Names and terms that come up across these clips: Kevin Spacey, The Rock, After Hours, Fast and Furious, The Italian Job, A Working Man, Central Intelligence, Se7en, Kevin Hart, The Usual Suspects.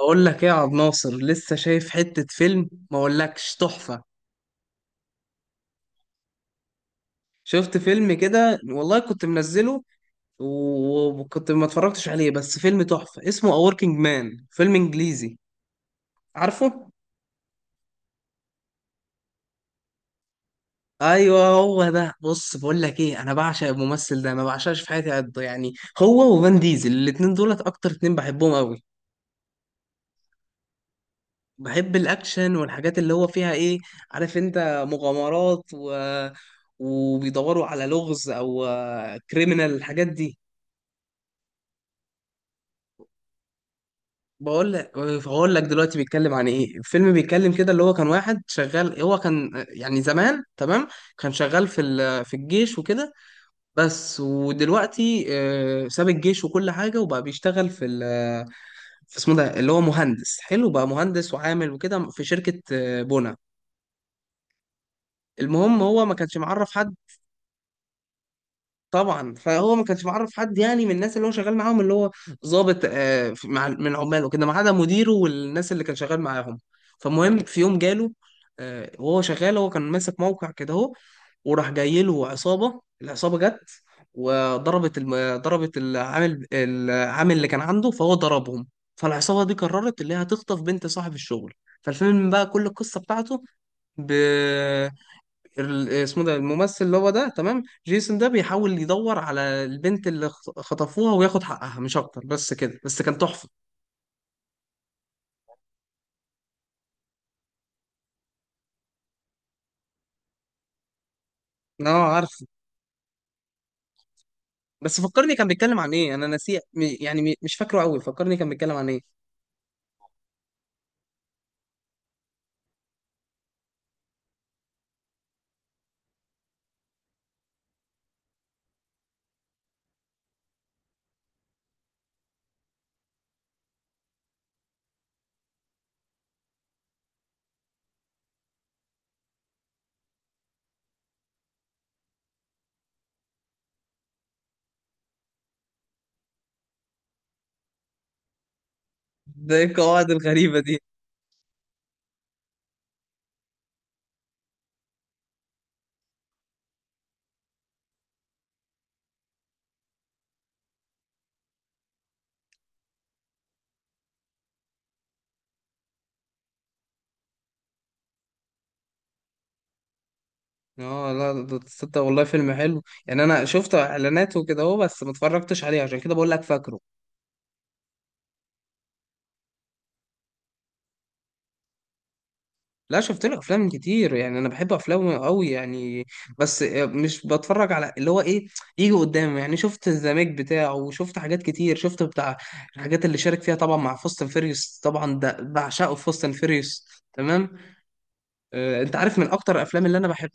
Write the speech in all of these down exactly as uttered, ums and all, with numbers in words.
اقول لك ايه يا عبد ناصر؟ لسه شايف حتة فيلم ما اقولكش تحفة. شفت فيلم كده، والله كنت منزله و- وكنت ما اتفرجتش عليه، بس فيلم تحفة اسمه A Working Man، فيلم انجليزي. عارفه؟ ايوه هو ده. بص، بقول لك ايه، انا بعشق الممثل ده، ما بعشقش في حياتي قد، يعني هو وفان ديزل، الاتنين دولت اكتر اتنين بحبهم قوي. بحب الاكشن والحاجات اللي هو فيها ايه، عارف انت، مغامرات، و... وبيدوروا على لغز او كريمنال، الحاجات دي. بقول لك هقول لك دلوقتي بيتكلم عن ايه. الفيلم بيتكلم كده، اللي هو كان واحد شغال، هو كان يعني زمان، تمام، كان شغال في ال- في الجيش وكده. بس ودلوقتي آه، ساب الجيش وكل حاجه، وبقى بيشتغل في ال- في اسمه ده، اللي هو مهندس، حلو، بقى مهندس وعامل وكده في شركه آه، بنا. المهم، هو ما كانش معرف حد. طبعا، فهو ما كانش معرف حد يعني من الناس اللي هو شغال معاهم، اللي هو ضابط آه، في- مع من عماله كده، ما عدا مديره والناس اللي كان شغال معاهم. فمهم، في يوم جاله آه، وهو شغال، هو كان ماسك موقع كده اهو، وراح جاي له عصابه. العصابه جت وضربت الم... ضربت العامل العامل اللي كان عنده، فهو ضربهم. فالعصابه دي قررت اللي هي هتخطف بنت صاحب الشغل. فالفيلم بقى كل القصه بتاعته، ال- اسمه ده الممثل اللي هو ده، تمام، جيسون ده بيحاول يدور على البنت اللي خط- خطفوها وياخد حقها، مش اكتر، بس كده، بس كان تحفة. اه عارف. بس فكرني كان بيتكلم عن ايه، انا نسي م- يعني م- مش فاكره قوي، فكرني كان بيتكلم عن ايه. ده ايه القواعد الغريبة دي؟ اه لا، ده تصدق والله فيلم حلو يعني، انا شفت اعلاناته كده اهو بس ما اتفرجتش عليه، عشان كده بقول لك فاكره. لا، شفت له افلام كتير، يعني انا بحب افلامه قوي يعني. بس مش بتفرج على اللي هو ايه، يجي قدامي يعني. شفت الزمج بتاعه، وشفت حاجات كتير، شفت بتاع الحاجات اللي شارك فيها طبعا مع فاست اند فيريوس، طبعا ده بعشقه في فاست اند فيريوس. تمام. آه، انت عارف، من اكتر الافلام اللي انا بحب،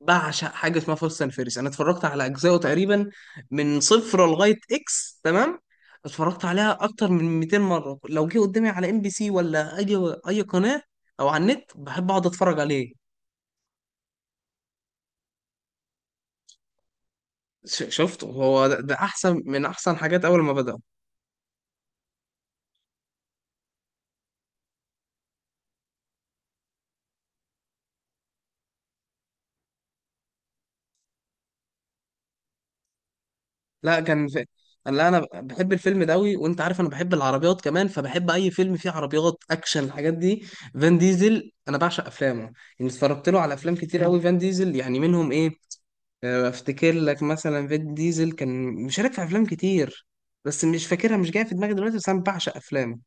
بعشق حاجه اسمها فاست اند فيريوس. انا اتفرجت على اجزائه تقريبا من صفر لغايه اكس، تمام، اتفرجت عليها اكتر من مئتين مره. لو جه قدامي على ام بي سي ولا اي اي قناه، او على النت، بحب اقعد اتفرج عليه. ش- شفته، هو ده, ده احسن من احسن حاجات اول ما بدأ. لا كان في. قال لا، انا بحب الفيلم ده قوي، وانت عارف انا بحب العربيات كمان، فبحب اي فيلم فيه عربيات اكشن، الحاجات دي. فان ديزل انا بعشق افلامه يعني، اتفرجت له على افلام كتير قوي. فان ديزل يعني منهم ايه آه، افتكر لك مثلا، فان ديزل كان مشارك في افلام كتير، بس مش فاكرها، مش جايه في دماغي دلوقتي، بس انا بعشق افلامه.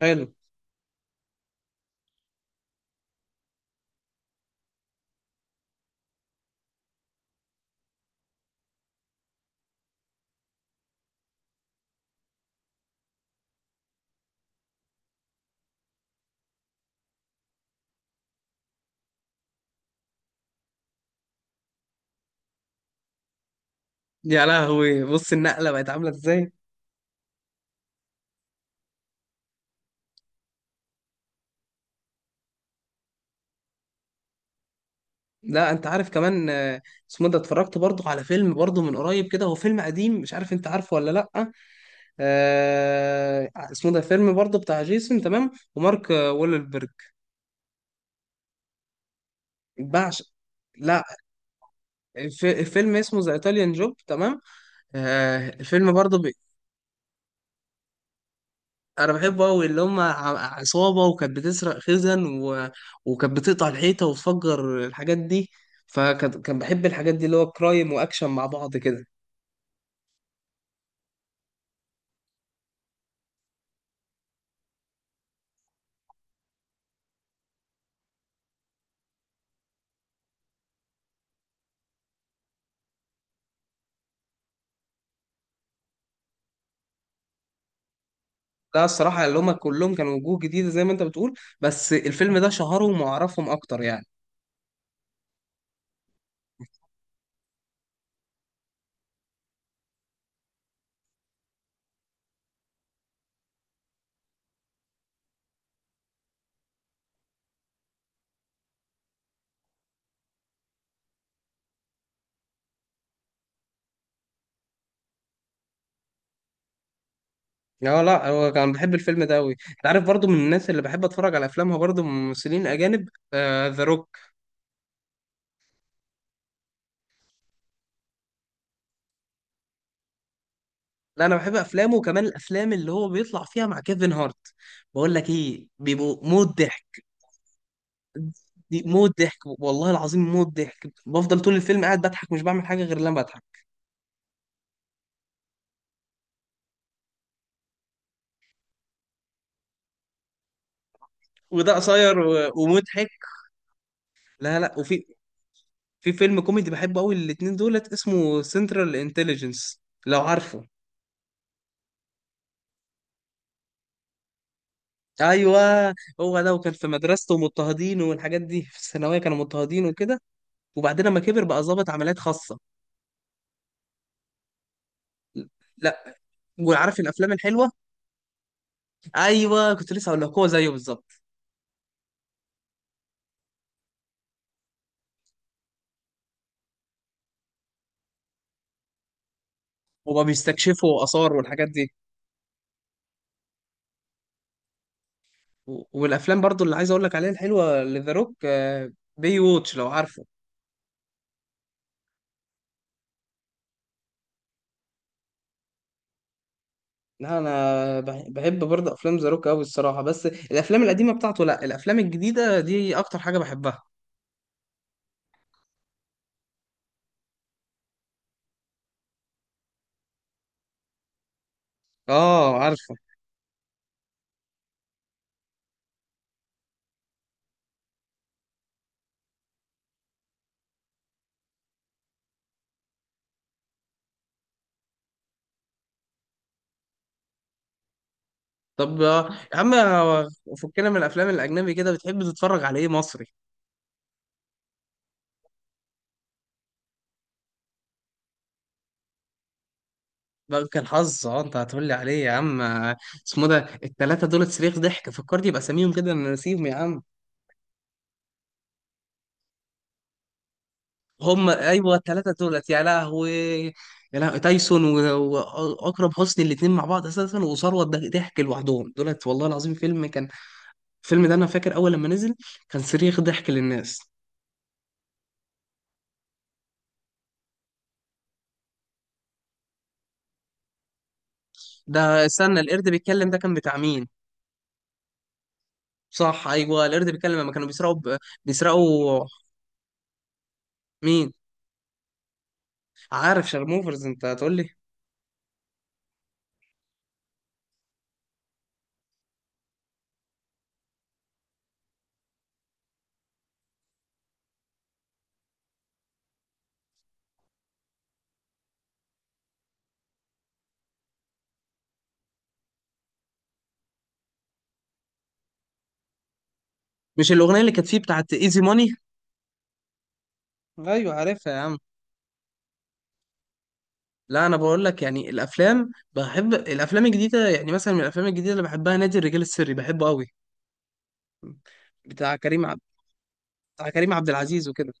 حلو. يا لهوي، بص النقله بقت عامله ازاي. لا، انت عارف كمان آه، اسمه ده، اتفرجت برضه على فيلم برضه من قريب كده، هو فيلم قديم، مش عارف انت عارفه ولا لا. آه، اسمه ده فيلم برضه بتاع جيسون، تمام، ومارك آه، وولبرج. بعشق. لا، الف- الفيلم اسمه ذا ايطاليان جوب، تمام. آه، الفيلم برضه بي... انا بحبه قوي. اللي هم ع- عصابه، وكانت بتسرق خزن و... وكانت بتقطع الحيطه وتفجر الحاجات دي، فكان كان بحب الحاجات دي، اللي هو كرايم واكشن مع بعض كده. لا الصراحة، اللي هما كلهم كانوا وجوه جديدة زي ما انت بتقول، بس الفيلم ده شهرهم وعرفهم أكتر يعني. لا لا، هو كان بحب الفيلم ده أوي. انت عارف، برضو من الناس اللي بحب أتفرج على أفلامها برضو من ممثلين أجانب، ذا روك. لا، أنا بحب أفلامه، وكمان الأفلام اللي هو بيطلع فيها مع كيفن هارت. بقول لك إيه، بيبقوا موت ضحك. دي موت ضحك، والله العظيم موت ضحك، بفضل طول الفيلم قاعد بضحك، مش بعمل حاجة غير لما بضحك. وده قصير و- ومضحك. لا لا، وفي في فيلم كوميدي بحبه قوي الاتنين دولت، اسمه سنترال انتليجنس، لو عارفه. ايوه هو ده، وكان في مدرسته مضطهدين، والحاجات دي في الثانويه كانوا مضطهدين وكده، وبعدين لما كبر بقى ضابط عمليات خاصه. لا. وعارف الافلام الحلوه، ايوه كنت لسه هقول لك، هو زيه بالظبط، هو بيستكشفوا اثار والحاجات دي. و- والافلام برضو اللي عايز اقول لك عليها الحلوه لذا روك، بي ووتش، لو عارف. لا، انا بح- بحب برضه افلام ذا روك قوي الصراحه، بس الافلام القديمه بتاعته، لا، الافلام الجديده دي اكتر حاجه بحبها. اه عارفه. طب آه، يا عم آه، فكنا من الافلام الاجنبي كده، بتحب تتفرج على ايه مصري؟ بقى كان حظ، اه انت هتقول لي عليه. يا عم آه، اسمه ده، التلاته دول صريخ ضحك، فكرت يبقى اساميهم كده انا ناسيهم يا عم. هم ايوه التلاته دولت، يا لهوي، يا لهوي، تايسون و- واكرم حسني الاتنين مع بعض اساسا، وثروت ضحك لوحدهم دولت والله العظيم. فيلم كان، الفيلم ده انا فاكر اول لما نزل كان صريخ ضحك للناس. ده استنى، القرد بيتكلم ده كان بتاع مين؟ صح، ايوه القرد بيتكلم لما كانوا بيسرقوا ب... بيسرقوا مين؟ عارف شارموفرز، انت هتقول لي. مش الاغنيه اللي كانت فيه بتاعت ايزي ماني؟ ايوه عارفها يا عم. لا انا بقول لك يعني، الافلام بحب الافلام الجديده يعني، مثلا من الافلام الجديده اللي بحبها نادي الرجال السري، بحبه قوي، بتاع كريم عبد بتاع كريم عبد العزيز وكده.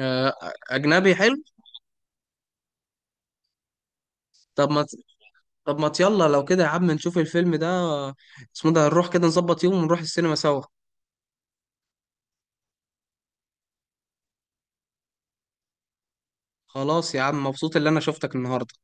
آه، اجنبي حلو. طب ما ت- طب ما يلا لو كده يا عم، نشوف الفيلم ده، اسمه ده، نروح كده نظبط يوم ونروح السينما سوا. خلاص يا عم، مبسوط اللي انا شفتك النهارده.